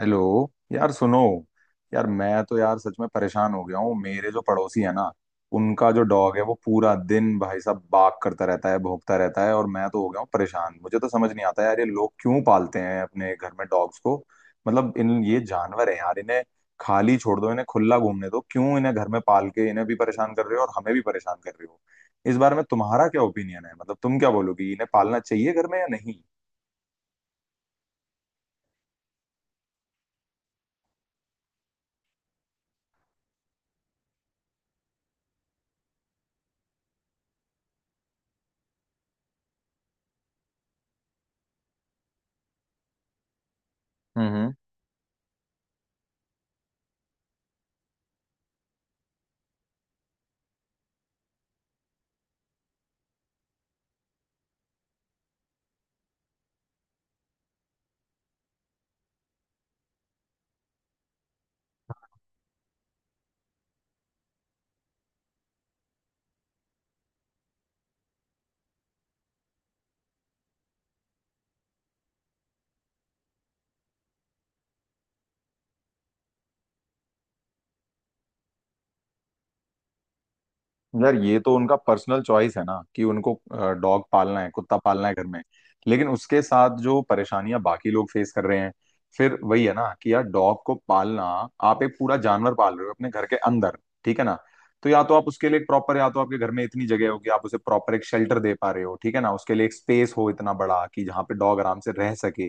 Hello. यार सुनो। यार मैं तो यार सच में परेशान हो गया हूँ। मेरे जो पड़ोसी है ना, उनका जो डॉग है वो पूरा दिन भाई साहब बाग करता रहता है, भौंकता रहता है, और मैं तो हो गया हूँ परेशान। मुझे तो समझ नहीं आता यार, ये लोग क्यों पालते हैं अपने घर में डॉग्स को? मतलब इन ये जानवर है यार, इन्हें खाली छोड़ दो, इन्हें खुला घूमने दो, क्यों इन्हें घर में पाल के इन्हें भी परेशान कर रहे हो और हमें भी परेशान कर रहे हो? इस बारे में तुम्हारा क्या ओपिनियन है? मतलब तुम क्या बोलोगी, इन्हें पालना चाहिए घर में या नहीं? हम्म। यार ये तो उनका पर्सनल चॉइस है ना कि उनको डॉग पालना है, कुत्ता पालना है घर में। लेकिन उसके साथ जो परेशानियां बाकी लोग फेस कर रहे हैं, फिर वही है ना कि यार डॉग को पालना, आप एक पूरा जानवर पाल रहे हो अपने घर के अंदर, ठीक है ना? तो या तो आप उसके लिए प्रॉपर, या तो आपके घर में इतनी जगह हो कि आप उसे प्रॉपर एक शेल्टर दे पा रहे हो, ठीक है ना, उसके लिए एक स्पेस हो इतना बड़ा कि जहाँ पे डॉग आराम से रह सके।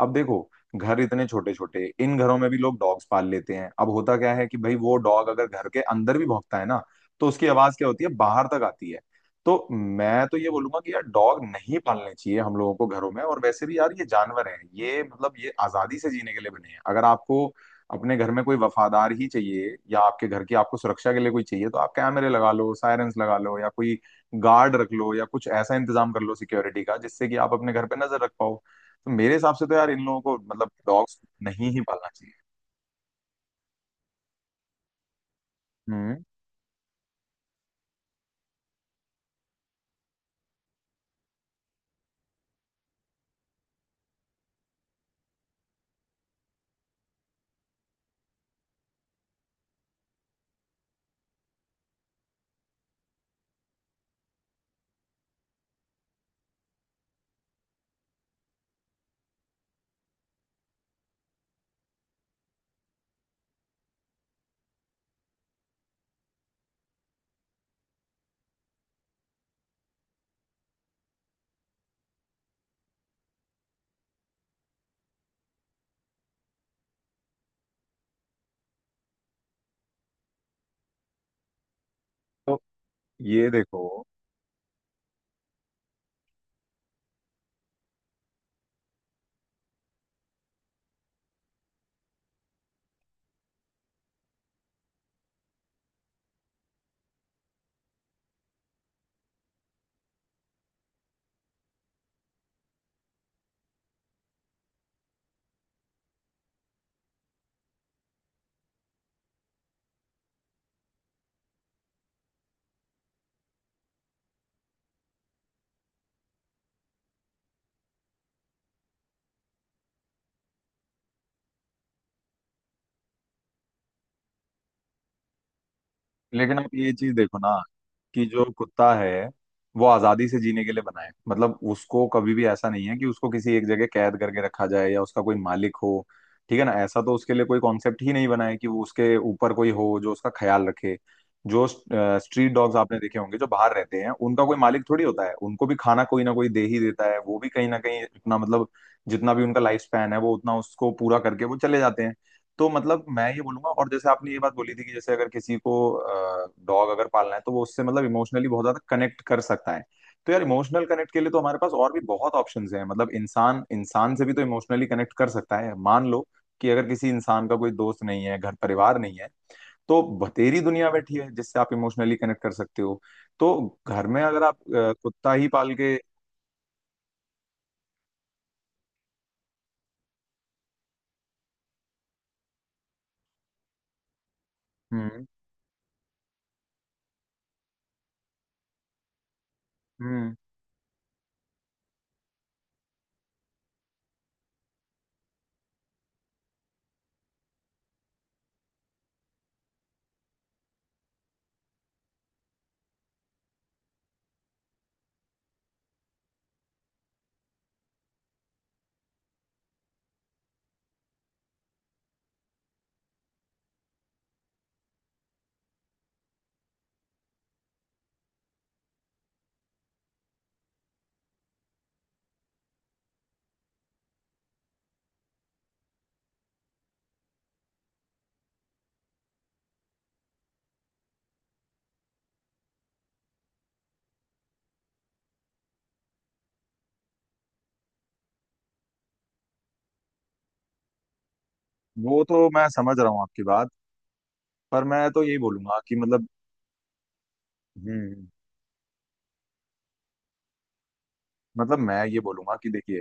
अब देखो, घर इतने छोटे छोटे, इन घरों में भी लोग डॉग्स पाल लेते हैं। अब होता क्या है कि भाई वो डॉग अगर घर के अंदर भी भौंकता है ना, तो उसकी आवाज क्या होती है, बाहर तक आती है। तो मैं तो ये बोलूंगा कि यार डॉग नहीं पालने चाहिए हम लोगों को घरों में। और वैसे भी यार ये जानवर हैं, ये मतलब ये आजादी से जीने के लिए बने हैं। अगर आपको अपने घर में कोई वफादार ही चाहिए या आपके घर की आपको सुरक्षा के लिए कोई चाहिए, तो आप कैमरे लगा लो, सायरेंस लगा लो, या कोई गार्ड रख लो, या कुछ ऐसा इंतजाम कर लो सिक्योरिटी का जिससे कि आप अपने घर पे नजर रख पाओ। तो मेरे हिसाब से तो यार इन लोगों को मतलब डॉग्स नहीं ही पालना चाहिए। हम्म। तो ये देखो। लेकिन आप ये चीज देखो ना कि जो कुत्ता है वो आजादी से जीने के लिए बना है। मतलब उसको कभी भी ऐसा नहीं है कि उसको किसी एक जगह कैद करके रखा जाए या उसका कोई मालिक हो, ठीक है ना। ऐसा तो उसके लिए कोई कॉन्सेप्ट ही नहीं बना है कि वो उसके ऊपर कोई हो जो उसका ख्याल रखे। जो स्ट्रीट डॉग्स आपने देखे होंगे जो बाहर रहते हैं, उनका कोई मालिक थोड़ी होता है। उनको भी खाना कोई ना कोई दे ही देता है, वो भी कहीं ना कहीं अपना मतलब जितना भी उनका लाइफ स्पैन है वो उतना उसको पूरा करके वो चले जाते हैं। तो मतलब मैं ये बोलूंगा, और जैसे आपने ये बात बोली थी कि जैसे अगर किसी को डॉग अगर पालना है तो वो उससे मतलब इमोशनली बहुत ज्यादा कनेक्ट कर सकता है, तो यार इमोशनल कनेक्ट के लिए तो हमारे पास और भी बहुत ऑप्शंस हैं। मतलब इंसान इंसान से भी तो इमोशनली कनेक्ट कर सकता है। मान लो कि अगर किसी इंसान का कोई दोस्त नहीं है, घर परिवार नहीं है, तो बतेरी दुनिया बैठी है जिससे आप इमोशनली कनेक्ट कर सकते हो। तो घर में अगर आप कुत्ता ही पाल के। हम्म हम्म। वो तो मैं समझ रहा हूँ आपकी बात। पर मैं तो यही बोलूंगा कि मतलब, हम्म, मतलब मैं ये बोलूंगा कि देखिए,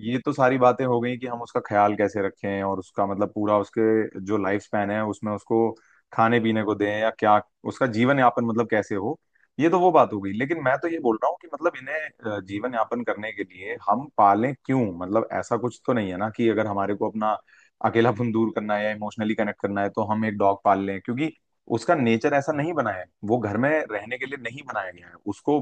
ये तो सारी बातें हो गई कि हम उसका ख्याल कैसे रखें और उसका मतलब पूरा उसके जो लाइफ स्पैन है उसमें उसको खाने पीने को दें या क्या, उसका जीवन यापन मतलब कैसे हो। ये तो वो बात हो गई, लेकिन मैं तो ये बोल रहा हूँ कि मतलब इन्हें जीवन यापन करने के लिए हम पालें क्यों? मतलब ऐसा कुछ तो नहीं है ना कि अगर हमारे को अपना अकेलापन दूर करना है या इमोशनली कनेक्ट करना है तो हम एक डॉग पाल लें, क्योंकि उसका नेचर ऐसा नहीं बना है, वो घर में रहने के लिए नहीं बनाया गया है, उसको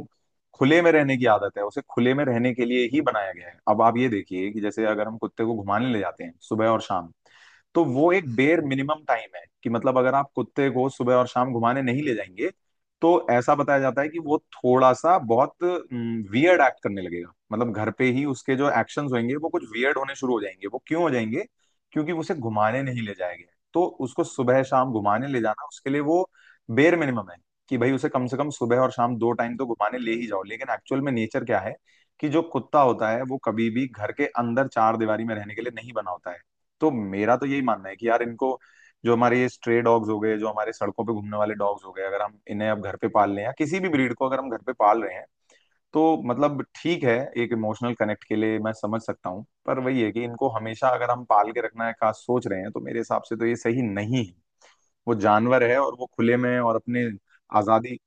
खुले में रहने की आदत है, उसे खुले में रहने के लिए ही बनाया गया है। अब आप ये देखिए कि जैसे अगर हम कुत्ते को घुमाने ले जाते हैं सुबह और शाम, तो वो एक बेर मिनिमम टाइम है कि मतलब अगर आप कुत्ते को सुबह और शाम घुमाने नहीं ले जाएंगे, तो ऐसा बताया जाता है कि वो थोड़ा सा बहुत वियर्ड एक्ट करने लगेगा। मतलब घर पे ही उसके जो एक्शंस होंगे वो कुछ वियर्ड होने शुरू हो जाएंगे। वो क्यों हो जाएंगे? क्योंकि उसे घुमाने नहीं ले जाया गया है। तो उसको सुबह शाम घुमाने ले जाना उसके लिए वो बेर मिनिमम है कि भाई उसे कम से कम सुबह और शाम दो टाइम तो घुमाने ले ही जाओ। लेकिन एक्चुअल में नेचर क्या है कि जो कुत्ता होता है वो कभी भी घर के अंदर चार दीवारी में रहने के लिए नहीं बना होता है। तो मेरा तो यही मानना है कि यार इनको, जो हमारे ये स्ट्रे डॉग्स हो गए, जो हमारे सड़कों पे घूमने वाले डॉग्स हो गए, अगर हम इन्हें अब घर पे पाल लें या किसी भी ब्रीड को अगर हम घर पे पाल रहे हैं, तो मतलब ठीक है, एक इमोशनल कनेक्ट के लिए मैं समझ सकता हूँ, पर वही है कि इनको हमेशा अगर हम पाल के रखना है का सोच रहे हैं तो मेरे हिसाब से तो ये सही नहीं है। वो जानवर है और वो खुले में और अपने आजादी।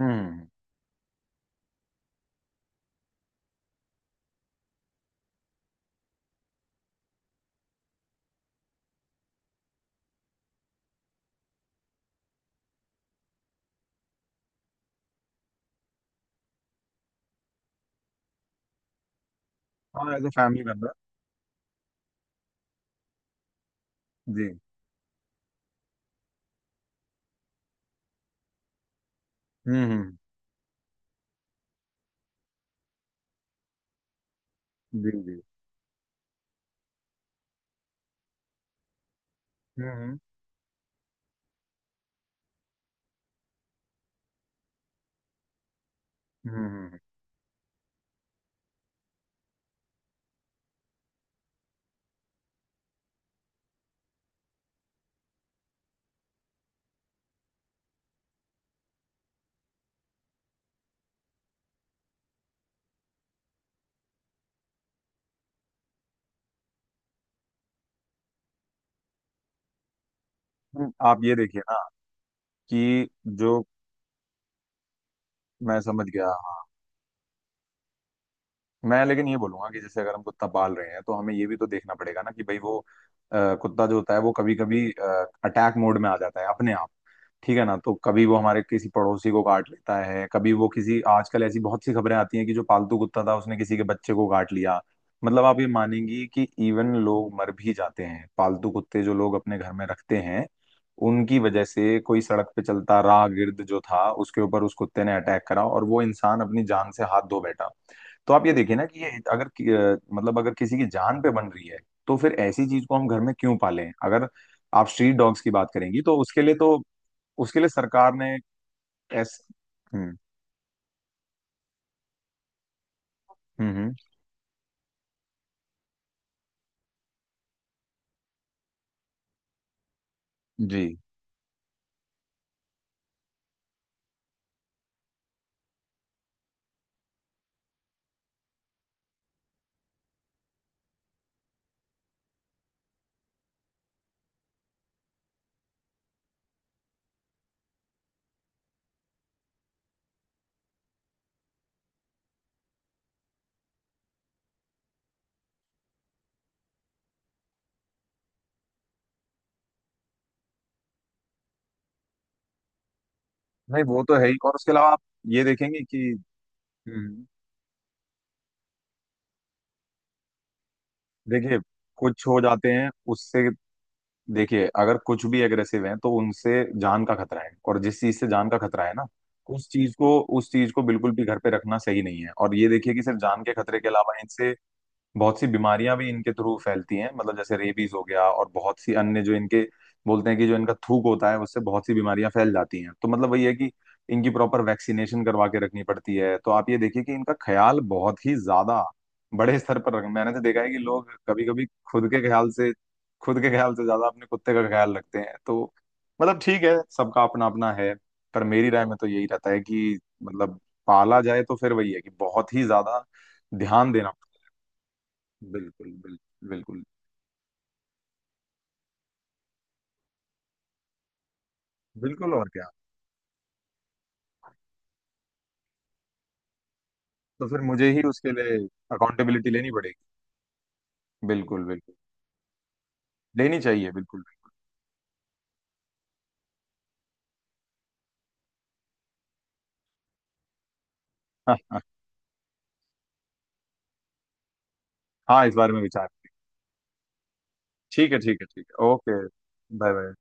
हम्म। हाँ, एज ए फैमिली मेंबर। जी। हम्म। जी जी। हम्म हम्म। हम्म। आप ये देखिए ना कि जो, मैं समझ गया। हाँ। मैं लेकिन ये बोलूंगा कि जैसे अगर हम कुत्ता पाल रहे हैं तो हमें ये भी तो देखना पड़ेगा ना कि भाई वो कुत्ता जो होता है वो कभी कभी अटैक मोड में आ जाता है अपने आप, ठीक है ना। तो कभी वो हमारे किसी पड़ोसी को काट लेता है, कभी वो किसी, आजकल ऐसी बहुत सी खबरें आती हैं कि जो पालतू कुत्ता था उसने किसी के बच्चे को काट लिया। मतलब आप ये मानेंगी कि इवन लोग मर भी जाते हैं, पालतू कुत्ते जो लोग अपने घर में रखते हैं उनकी वजह से कोई सड़क पे चलता राहगीर जो था उसके ऊपर उस कुत्ते ने अटैक करा और वो इंसान अपनी जान से हाथ धो बैठा। तो आप ये देखिए ना कि ये अगर मतलब अगर किसी की जान पे बन रही है, तो फिर ऐसी चीज को हम घर में क्यों पालें? अगर आप स्ट्रीट डॉग्स की बात करेंगी तो उसके लिए तो, उसके लिए सरकार ने। एस। हम्म हम्म। जी। नहीं, वो तो है ही, और उसके अलावा आप ये देखेंगे कि, हम्म, देखिए कुछ हो जाते हैं उससे। देखिए अगर कुछ भी एग्रेसिव हैं तो उनसे जान का खतरा है। और जिस चीज से जान का खतरा है ना, उस चीज को, उस चीज को बिल्कुल भी घर पे रखना सही नहीं है। और ये देखिए कि सिर्फ जान के खतरे के अलावा इनसे बहुत सी बीमारियां भी इनके थ्रू फैलती हैं। मतलब जैसे रेबीज हो गया और बहुत सी अन्य जो इनके बोलते हैं कि जो इनका थूक होता है उससे बहुत सी बीमारियां फैल जाती हैं। तो मतलब वही है कि इनकी प्रॉपर वैक्सीनेशन करवा के रखनी पड़ती है। तो आप ये देखिए कि इनका ख्याल बहुत ही ज्यादा बड़े स्तर पर रख, मैंने तो देखा है कि लोग कभी कभी खुद के ख्याल से, खुद के ख्याल से ज्यादा अपने कुत्ते का ख्याल रखते हैं। तो मतलब ठीक है, सबका अपना अपना है। पर मेरी राय में तो यही रहता है कि मतलब पाला जाए तो फिर वही है कि बहुत ही ज्यादा ध्यान देना। बिल्कुल बिल्कुल। बिल्कुल बिल्कुल और क्या। तो फिर मुझे ही उसके लिए अकाउंटेबिलिटी लेनी पड़ेगी। बिल्कुल बिल्कुल। लेनी चाहिए बिल्कुल। हाँ हाँ। हाँ, इस बारे में विचार करेंगे। ठीक है ठीक है ठीक है। ओके। Bye bye.